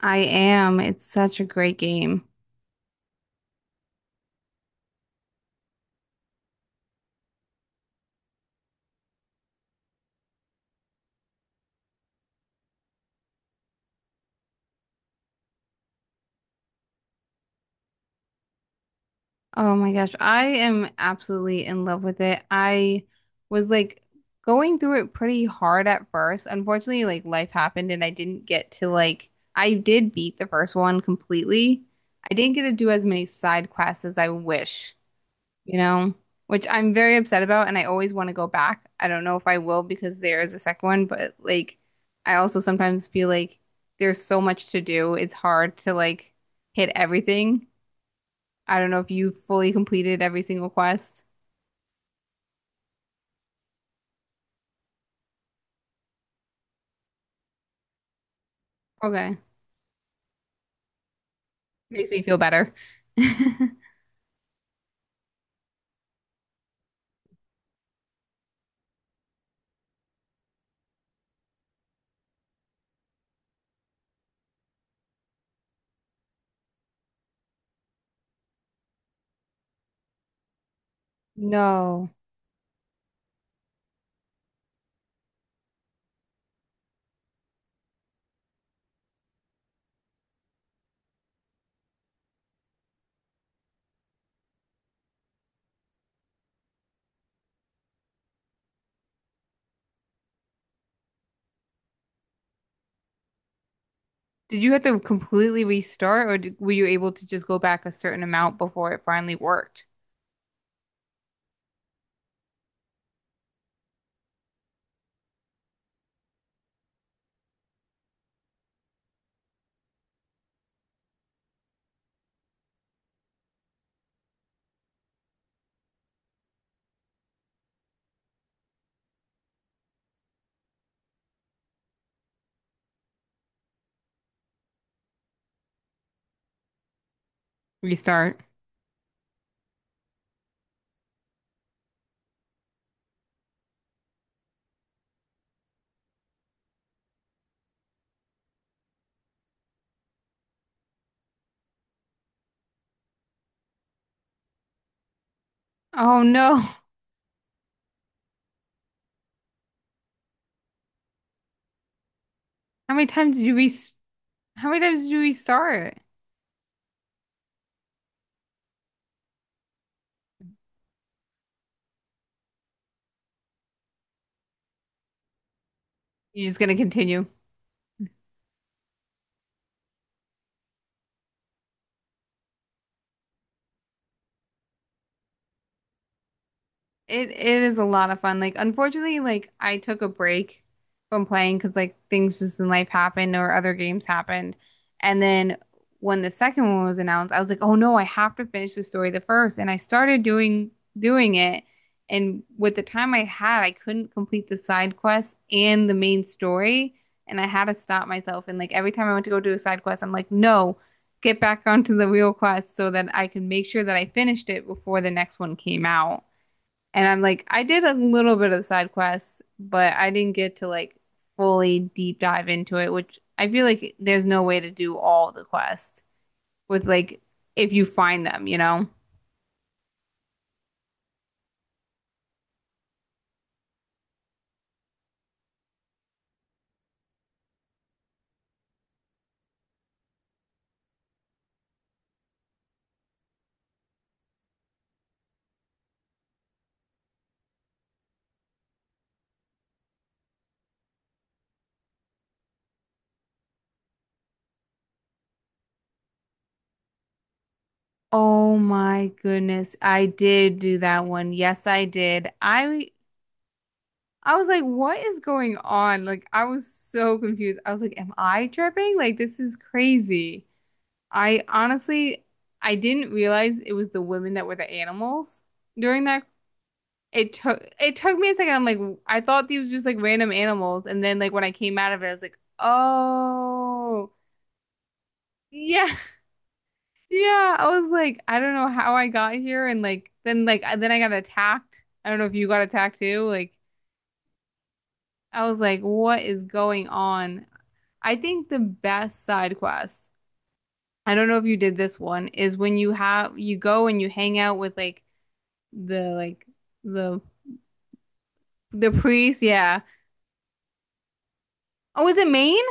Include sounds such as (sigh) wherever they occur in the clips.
I am. It's such a great game. Oh my gosh. I am absolutely in love with it. I was like going through it pretty hard at first. Unfortunately, like life happened and I didn't get to like, I did beat the first one completely. I didn't get to do as many side quests as I wish. You know, which I'm very upset about, and I always want to go back. I don't know if I will because there is a second one, but like, I also sometimes feel like there's so much to do. It's hard to like hit everything. I don't know if you fully completed every single quest. Okay. Makes me feel better. (laughs) No. Did you have to completely restart, or were you able to just go back a certain amount before it finally worked? Restart. Oh no. How many times did you re-? How many times did you restart? You're just gonna continue. It is a lot of fun. Like unfortunately, like I took a break from playing because like things just in life happened or other games happened. And then when the second one was announced, I was like, oh no, I have to finish the story the first. And I started doing it. And with the time I had, I couldn't complete the side quest and the main story. And I had to stop myself. And like every time I went to go do a side quest, I'm like, no, get back (laughs) onto the real quest so that I can make sure that I finished it before the next one came out. And I'm like, I did a little bit of side quests, but I didn't get to like fully deep dive into it, which I feel like there's no way to do all the quests with like if you find them, you know? Oh my goodness, I did do that one. Yes, I did. I was like, what is going on? Like I was so confused. I was like, am I tripping? Like this is crazy. I honestly I didn't realize it was the women that were the animals during that. It took me a second. I'm like, I thought these was just like random animals, and then like when I came out of it, I was like, oh yeah, (laughs) yeah. I was like, I don't know how I got here, and like then I got attacked. I don't know if you got attacked too. Like I was like, what is going on? I think the best side quest, I don't know if you did this one, is when you have you go and you hang out with like the like the the priest. Yeah. Oh, is it Maine?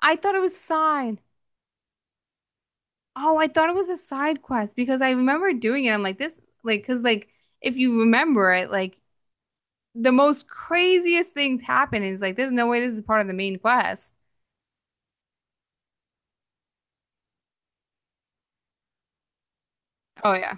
I thought it was side. Oh, I thought it was a side quest because I remember doing it. I'm like, this, like, because, like, if you remember it, like, the most craziest things happen. And it's like, there's no way this is part of the main quest. Oh, yeah.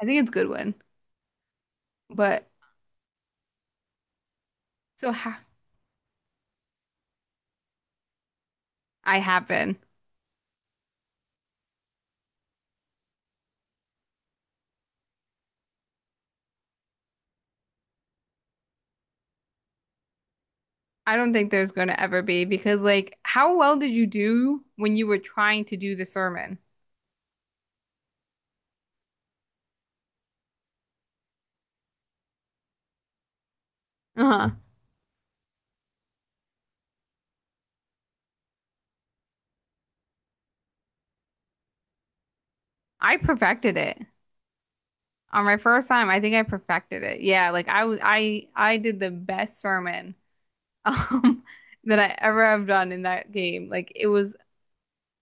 I think it's Goodwin. But so ha I have been. I don't think there's going to ever be because, like, how well did you do when you were trying to do the sermon? Uh-huh. I perfected it. On my first time, I think I perfected it. Yeah, like I I did the best sermon um, (laughs) that I ever have done in that game. Like it was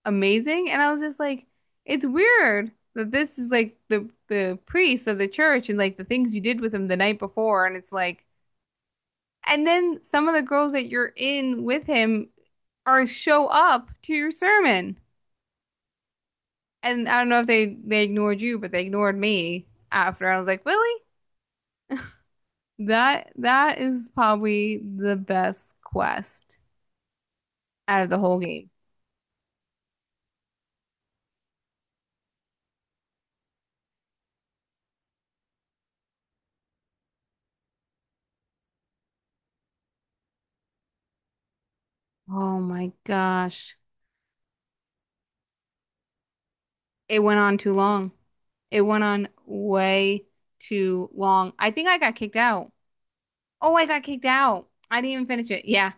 amazing, and I was just like, it's weird that this is like the priest of the church and like the things you did with him the night before, and it's like, and then some of the girls that you're in with him are show up to your sermon, and I don't know if they ignored you, but they ignored me after. I was like, really? That is probably the best quest out of the whole game. Oh my gosh. It went on too long. It went on way too long. I think I got kicked out. Oh, I got kicked out. I didn't even finish it. Yeah,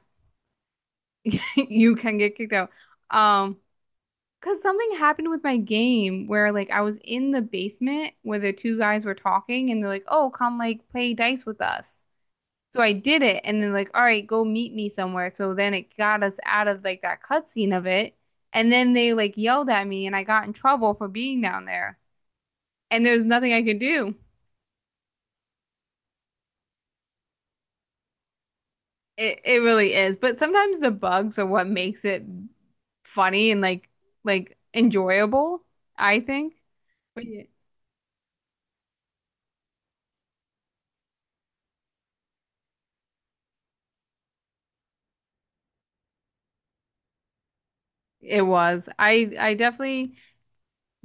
(laughs) you can get kicked out. Um, because something happened with my game where like I was in the basement where the two guys were talking and they're like, "Oh, come like play dice with us." So I did it and they're like, "All right, go meet me somewhere." So then it got us out of like that cutscene of it. And then they like yelled at me and I got in trouble for being down there. And there's nothing I could do. It really is. But sometimes the bugs are what makes it funny and like enjoyable, I think. But yeah, it was. I definitely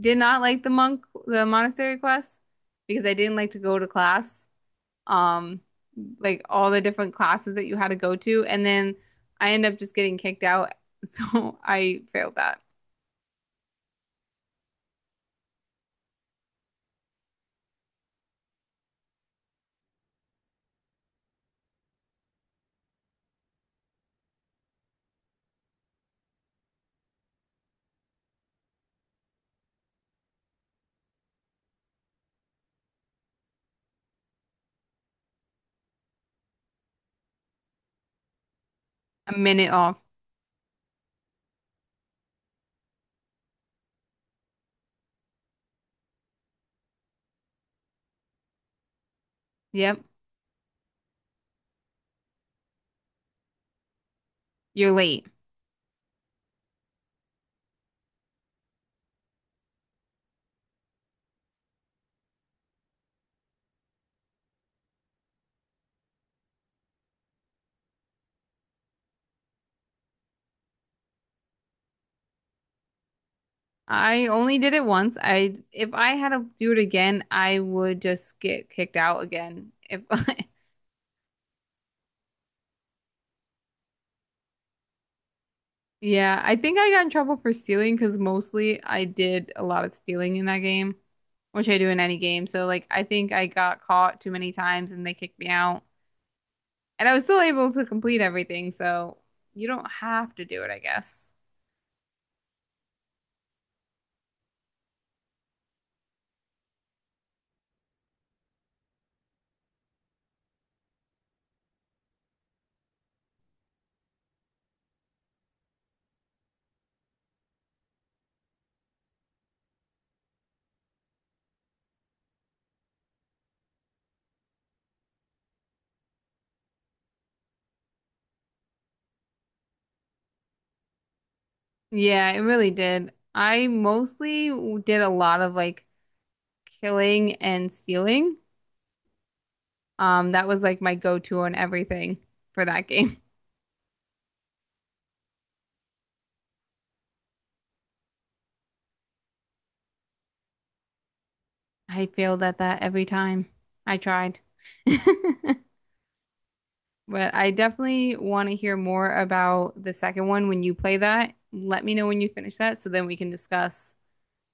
did not like the monk the monastery quest because I didn't like to go to class. Um, like all the different classes that you had to go to and then I end up just getting kicked out. (laughs) So I failed that. A minute off. Yep. You're late. I only did it once. I if I had to do it again, I would just get kicked out again. If I, (laughs) yeah, I think I got in trouble for stealing because mostly I did a lot of stealing in that game, which I do in any game. So like I think I got caught too many times and they kicked me out. And I was still able to complete everything, so you don't have to do it, I guess. Yeah, it really did. I mostly did a lot of like killing and stealing. That was like my go-to on everything for that game. (laughs) I failed at that every time I tried. (laughs) But I definitely want to hear more about the second one when you play that. Let me know when you finish that so then we can discuss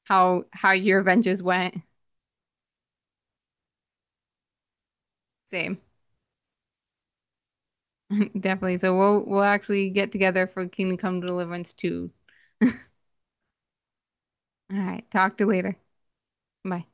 how your adventures went. Same. (laughs) Definitely. So we'll actually get together for Kingdom Come Deliverance 2. All right. Talk to you later. Bye.